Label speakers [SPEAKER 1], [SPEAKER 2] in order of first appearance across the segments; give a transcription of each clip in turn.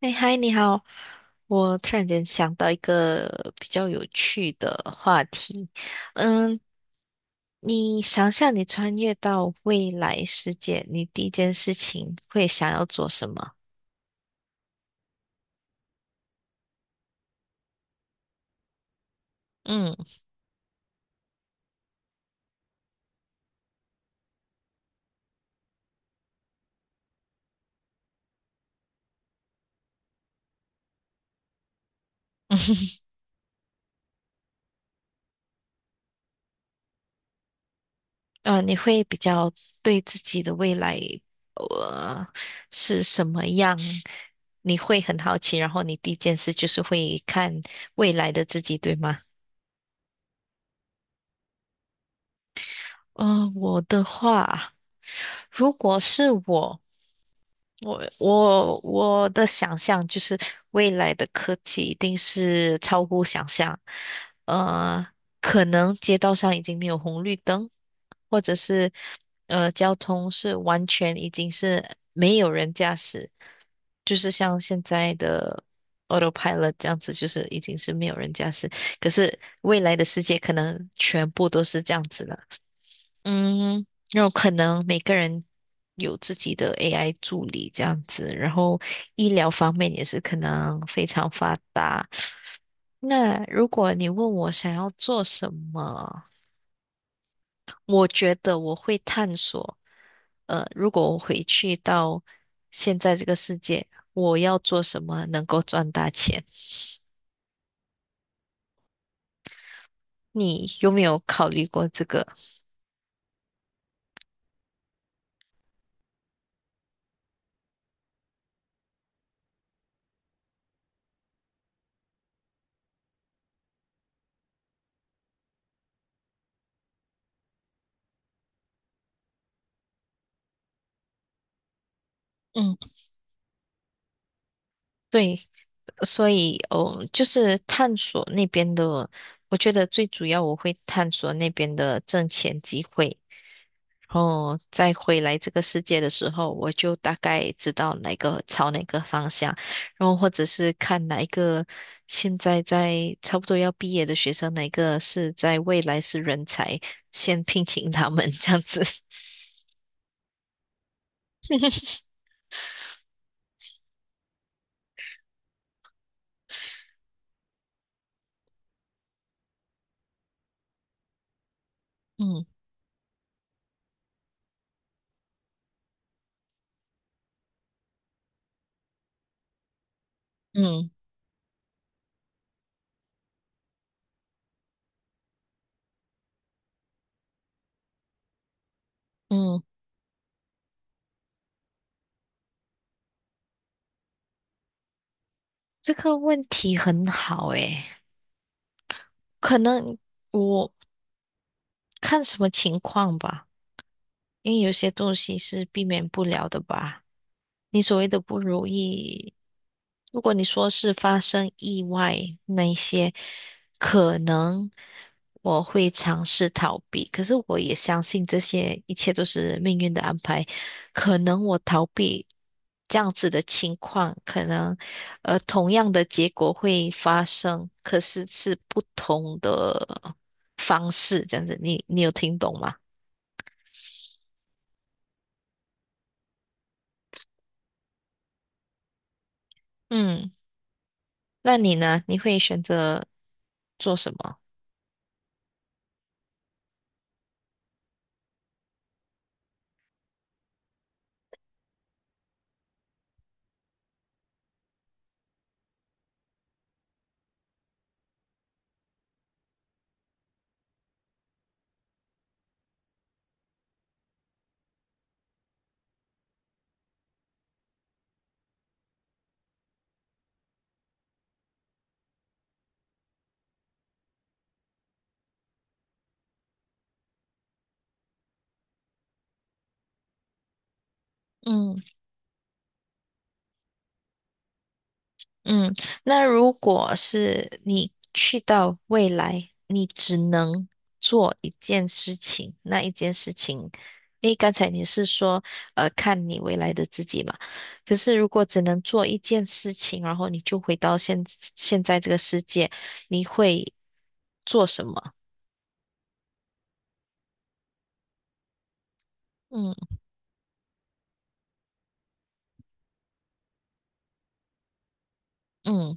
[SPEAKER 1] 哎，嗨，你好！我突然间想到一个比较有趣的话题。嗯，你想象你穿越到未来世界，你第一件事情会想要做什么？嗯，你会比较对自己的未来，呃，是什么样？你会很好奇，然后你第一件事就是会看未来的自己，对吗？嗯，我的话，如果是我。我的想象就是未来的科技一定是超乎想象，呃，可能街道上已经没有红绿灯，或者是交通是完全已经是没有人驾驶，就是像现在的 autopilot 这样子，就是已经是没有人驾驶。可是未来的世界可能全部都是这样子了。嗯，有可能每个人有自己的 AI 助理这样子，然后医疗方面也是可能非常发达。那如果你问我想要做什么，我觉得我会探索，如果我回去到现在这个世界，我要做什么能够赚大钱？你有没有考虑过这个？嗯，对，所以，哦，就是探索那边的，我觉得最主要我会探索那边的挣钱机会，然后再回来这个世界的时候，我就大概知道哪个朝哪个方向，然后或者是看哪一个现在在差不多要毕业的学生，哪一个是在未来是人才，先聘请他们这样子。嗯嗯嗯，这个问题很好诶，可能。我。看什么情况吧，因为有些东西是避免不了的吧。你所谓的不如意，如果你说是发生意外那一些，可能我会尝试逃避，可是我也相信这些一切都是命运的安排。可能我逃避这样子的情况，可能同样的结果会发生，可是是不同的方式，这样子，你有听懂吗？嗯。那你呢？你会选择做什么？嗯嗯，那如果是你去到未来，你只能做一件事情，那一件事情，因为刚才你是说，看你未来的自己嘛。可是如果只能做一件事情，然后你就回到现在这个世界，你会做什么？嗯嗯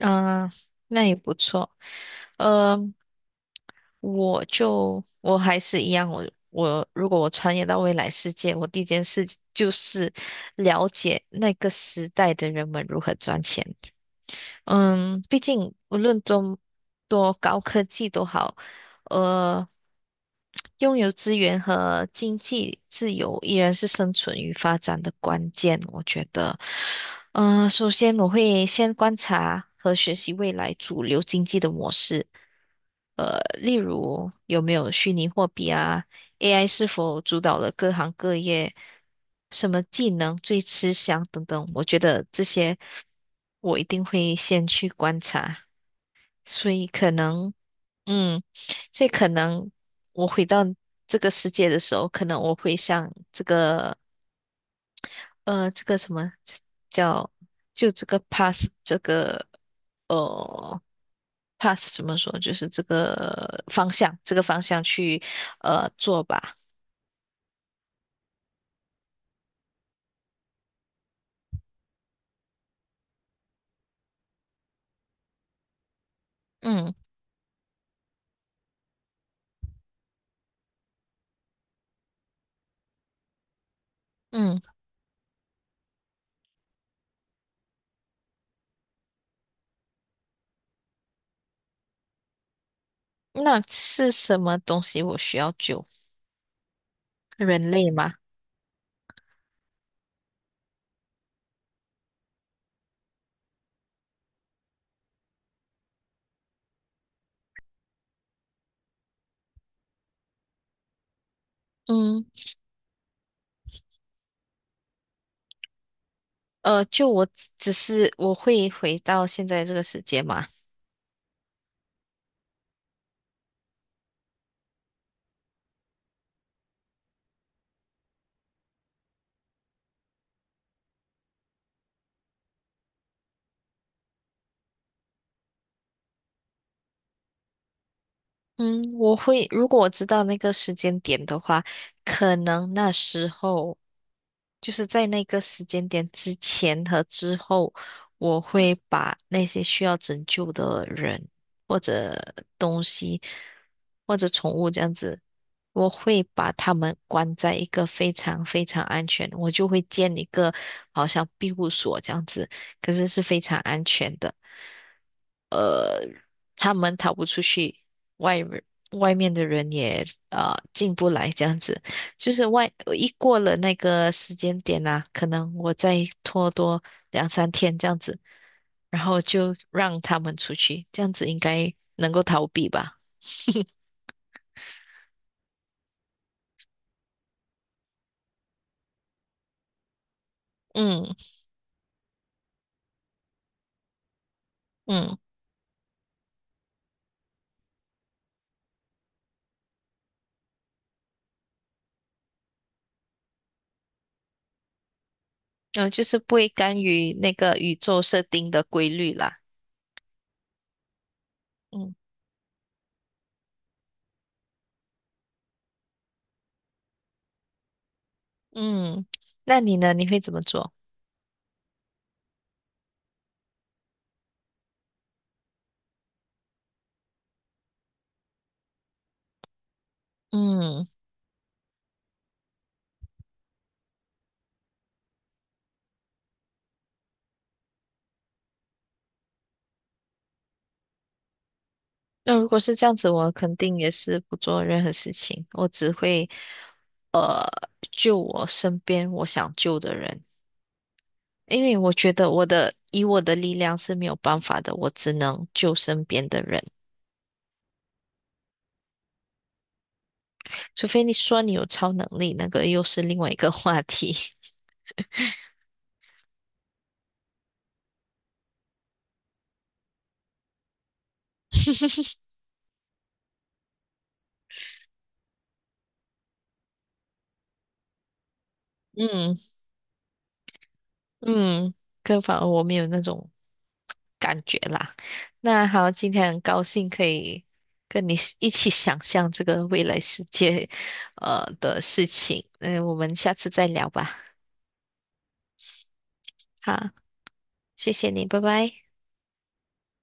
[SPEAKER 1] 啊，那也不错。呃，我就我还是一样，我如果我穿越到未来世界，我第一件事就是了解那个时代的人们如何赚钱。嗯，毕竟无论多高科技都好，呃，拥有资源和经济自由依然是生存与发展的关键，我觉得。首先我会先观察和学习未来主流经济的模式，例如有没有虚拟货币啊。AI 是否主导了各行各业，什么技能最吃香等等，我觉得这些我一定会先去观察，所以可能，嗯，所以可能我回到这个世界的时候，可能我会像这个这个什么叫就这个 path 这个呃 path 怎么说，就是这个方向这个方向去做吧，嗯嗯。那是什么东西我需要救？人类吗？嗯，就我只是我会回到现在这个时间吗？嗯，我会，如果我知道那个时间点的话，可能那时候。就是在那个时间点之前和之后，我会把那些需要拯救的人或者东西或者宠物这样子，我会把他们关在一个非常非常安全，我就会建一个好像庇护所这样子，可是是非常安全的。他们逃不出去，外人外面的人也进不来，这样子，就是外一过了那个时间点啊，可能我再拖多两三天这样子，然后就让他们出去，这样子应该能够逃避吧？嗯嗯，然后就是不会干预那个宇宙设定的规律啦。嗯嗯，那你呢？你会怎么做？嗯，那如果是这样子，我肯定也是不做任何事情，我只会。救我身边我想救的人，因为我觉得我的以我的力量是没有办法的，我只能救身边的人，除非你说你有超能力，那个又是另外一个 话题。嗯嗯，可反而我没有那种感觉啦。那好，今天很高兴可以跟你一起想象这个未来世界，的事情。嗯，我们下次再聊吧。好，谢谢你，拜拜。